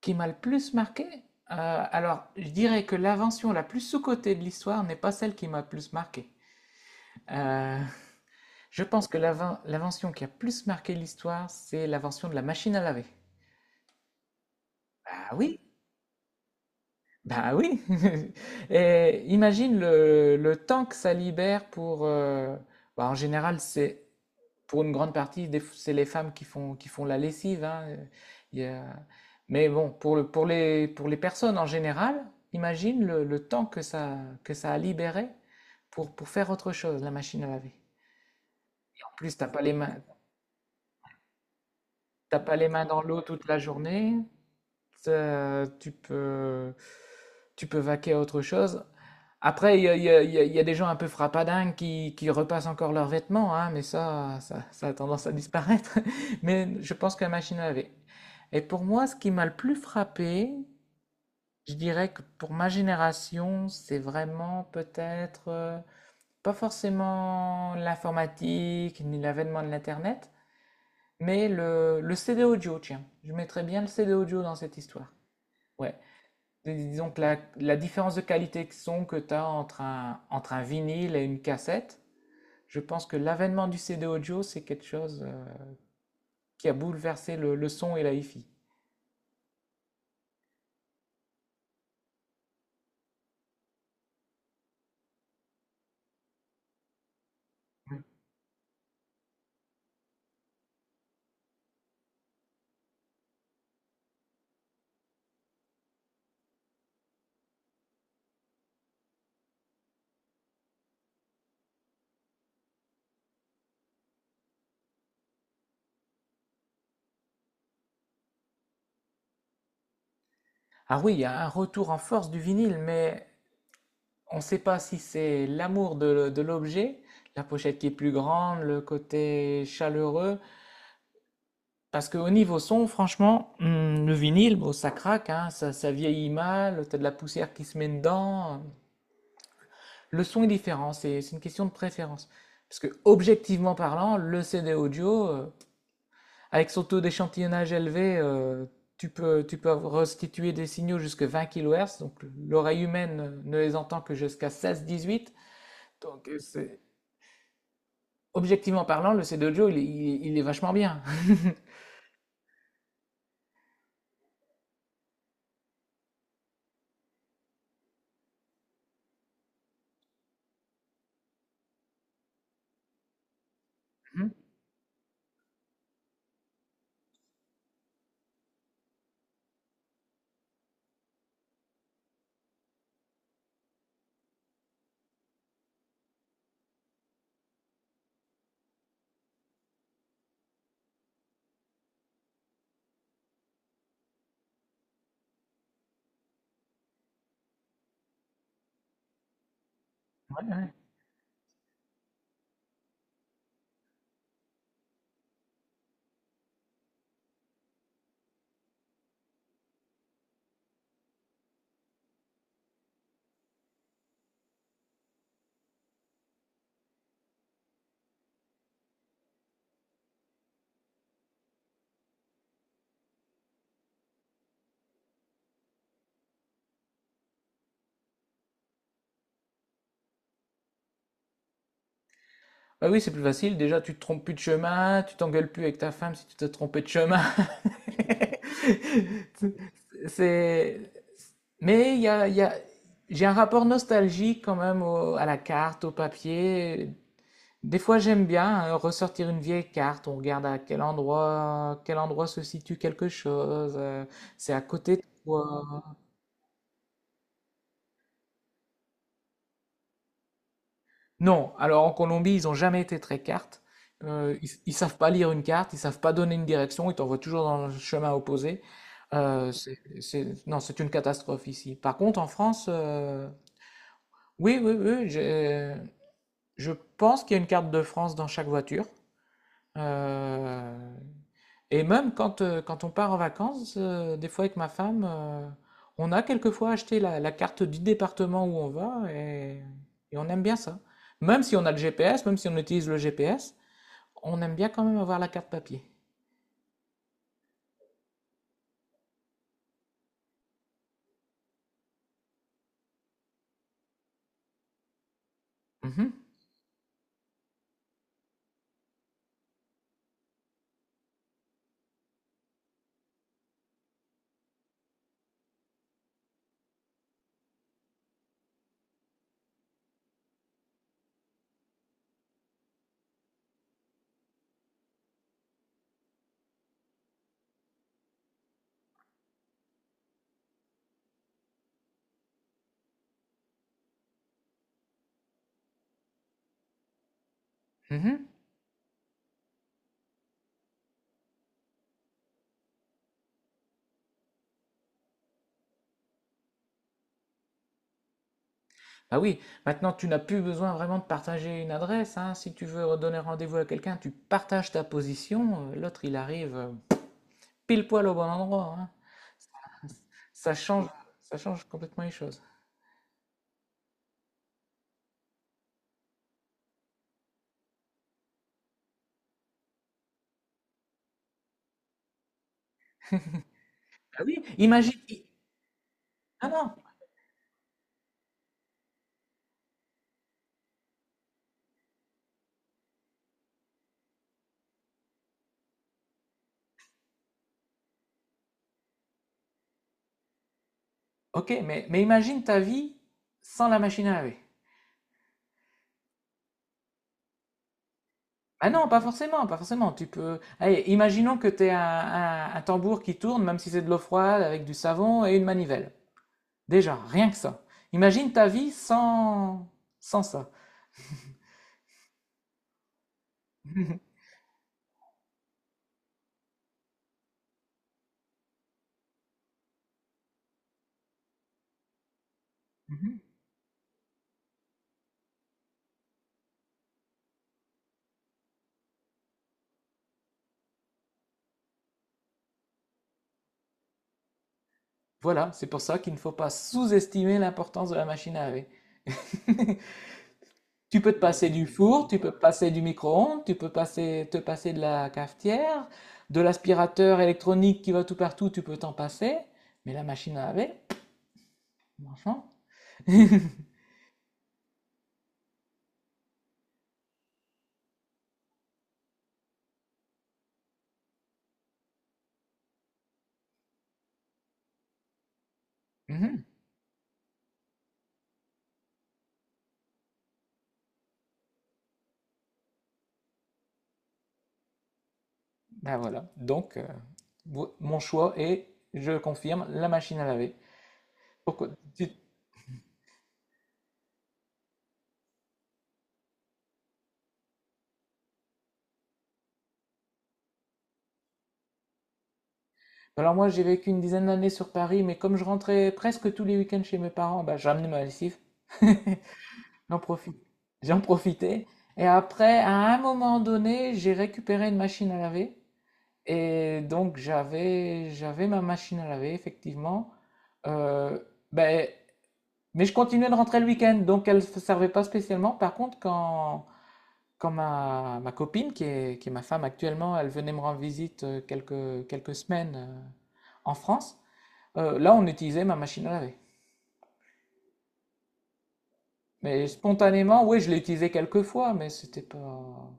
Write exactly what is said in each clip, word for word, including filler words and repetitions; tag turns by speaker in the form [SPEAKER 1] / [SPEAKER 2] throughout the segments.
[SPEAKER 1] Qui m'a le plus marqué? Euh, alors, je dirais que l'invention la plus sous-cotée de l'histoire n'est pas celle qui m'a le plus marqué. Euh, je pense que l'invention qui a plus marqué l'histoire, c'est l'invention de la machine à laver. Ah oui, bah oui. Et imagine le, le temps que ça libère pour. euh, bah, en général, c'est pour une grande partie, des- c'est les femmes qui font qui font la lessive, hein. Euh, il y a- Mais bon, pour le pour les pour les personnes en général, imagine le, le temps que ça que ça a libéré pour pour faire autre chose, la machine à laver. En plus, t'as pas les mains t'as pas les mains dans l'eau toute la journée. Ça, tu peux, tu peux vaquer à autre chose. Après, il y a, il y a- il y a- il y a des gens un peu frappadingues qui, qui repassent encore leurs vêtements, hein, mais ça, ça, ça a tendance à disparaître. Mais je pense que la machine à laver. Et pour moi, ce qui m'a le plus frappé, je dirais que pour ma génération, c'est vraiment peut-être euh, pas forcément l'informatique ni l'avènement de l'Internet, mais le, le C D audio, tiens. Je mettrais bien le C D audio dans cette histoire. Ouais, Dis- disons que la, la différence de qualité de son que tu as entre un, entre un vinyle et une cassette, je pense que l'avènement du C D audio, c'est quelque chose euh, qui a bouleversé le, le son et la hi-fi. Ah oui, il y a un retour en force du vinyle, mais on ne sait pas si c'est l'amour de, de l'objet, la pochette qui est plus grande, le côté chaleureux. Parce qu'au niveau son, franchement, hum, le vinyle, bon, ça craque, hein, ça, ça vieillit mal, t'as de la poussière qui se met dedans. Le son est différent, c'est une question de préférence. Parce que, objectivement parlant, le C D audio, euh, avec son taux d'échantillonnage élevé, euh, tu peux, tu peux restituer des signaux jusqu'à vingt kilohertz, donc l'oreille humaine ne les entend que jusqu'à seize dix-huit. Donc, euh, c'est- objectivement parlant, le C D audio, il, est- il il est vachement bien. Ouais, ouais. Bah oui, c'est plus facile. Déjà, tu te trompes plus de chemin, tu t'engueules plus avec ta femme si tu t'es trompé de chemin. C'est, mais il y a, il y a- j'ai un rapport nostalgique quand même au- à la carte, au papier. Des fois, j'aime bien euh, ressortir une vieille carte. On regarde à quel endroit, quel endroit se situe quelque chose. euh, c'est à côté de quoi. Non, alors en Colombie, ils ont jamais été très cartes. Euh, ils, ils savent pas lire une carte, ils savent pas donner une direction. Ils t'envoient toujours dans le chemin opposé. Euh, c'est, c'est- non, c'est une catastrophe ici. Par contre, en France, euh, oui, oui, oui, j'ai- je pense qu'il y a une carte de France dans chaque voiture. Euh, et même quand, euh, quand on part en vacances, euh, des fois avec ma femme, euh, on a quelquefois acheté la, la carte du département où on va et, et on aime bien ça. Même si on a le G P S, même si on utilise le G P S, on aime bien quand même avoir la carte papier. Mhm, mhm. Bah oui, maintenant tu n'as plus besoin vraiment de partager une adresse, hein. Si tu veux donner rendez-vous à quelqu'un, tu partages ta position, euh, l'autre il arrive euh, pile poil au bon endroit, hein. Ça change, ça change complètement les choses. Ah oui, imagine. i- Non, non, ok, mais, mais imagine ta vie sans la machine à laver. Ah non, pas forcément, pas forcément. Tu peux. Allez, imaginons que tu aies un, un- un tambour qui tourne, même si c'est de l'eau froide, avec du savon et une manivelle. Déjà, rien que ça. Imagine ta vie sans, sans ça. Voilà, c'est pour ça qu'il ne faut pas sous-estimer l'importance de la machine à laver. Tu peux te passer du four, tu peux te passer du micro-ondes, tu peux passer, te passer de la cafetière, de l'aspirateur électronique qui va tout partout, tu peux t'en passer. Mais la machine à laver, franchement. Mhm. Ben voilà. Donc, euh, vo- mon choix est, je confirme, la machine à laver. Pourquoi tu- alors moi, j'ai vécu une dizaine d'années sur Paris, mais comme je rentrais presque tous les week-ends chez mes parents, bah, je ramenais ma lessive. J'en profite j'en profitais. Et après, à un moment donné, j'ai récupéré une machine à laver. Et donc, j'avais, j'avais ma machine à laver, effectivement. Euh, ben, mais je continuais de rentrer le week-end, donc elle ne servait pas spécialement. Par contre, quand, quand ma, ma copine, qui est, qui est ma femme actuellement, elle venait me rendre visite euh, quelques, quelques semaines euh, en France, euh, là, on utilisait ma machine à laver. Mais spontanément, oui, je l'ai utilisée quelques fois, mais c'était pas...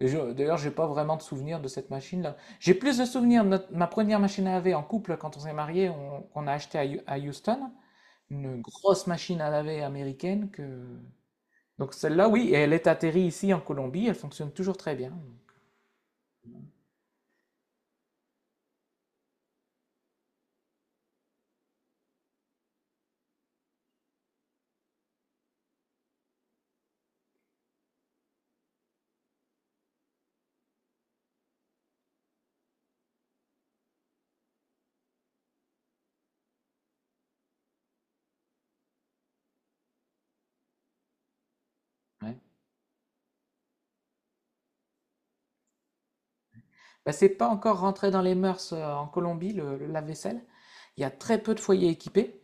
[SPEAKER 1] D'ailleurs, j'ai pas vraiment de souvenir de cette machine-là. J'ai plus de souvenirs de notre- ma première machine à laver en couple quand on s'est mariés, on, qu'on a acheté à, à Houston, une grosse machine à laver américaine que. Donc celle-là, oui, et elle est atterrie ici en Colombie, elle fonctionne toujours très bien. Donc, ouais. Bah, c'est pas encore rentré dans les mœurs euh, en Colombie, le, le lave-vaisselle. Il y a très peu de foyers équipés.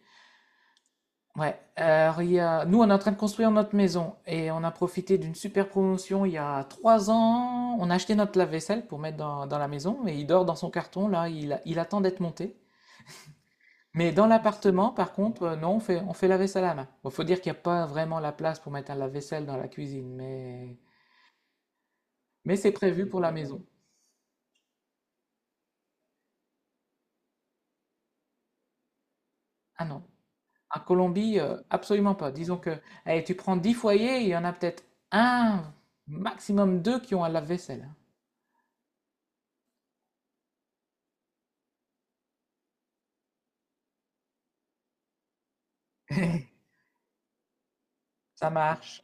[SPEAKER 1] Ouais, alors il y a... nous on est en train de construire notre maison et on a profité d'une super promotion il y a trois ans. On a acheté notre lave-vaisselle pour mettre dans, dans la maison mais il dort dans son carton là, il, il attend d'être monté. Mais dans l'appartement, par contre, euh, non, on fait, on fait la vaisselle à la main. Bon, faut dire qu'il n'y a pas vraiment la place pour mettre un lave-vaisselle dans la cuisine, mais, mais c'est prévu pour la maison. Ah non, en Colombie, euh, absolument pas. Disons que allez, tu prends dix foyers, il y en a peut-être un, maximum deux qui ont un lave-vaisselle. Ça marche.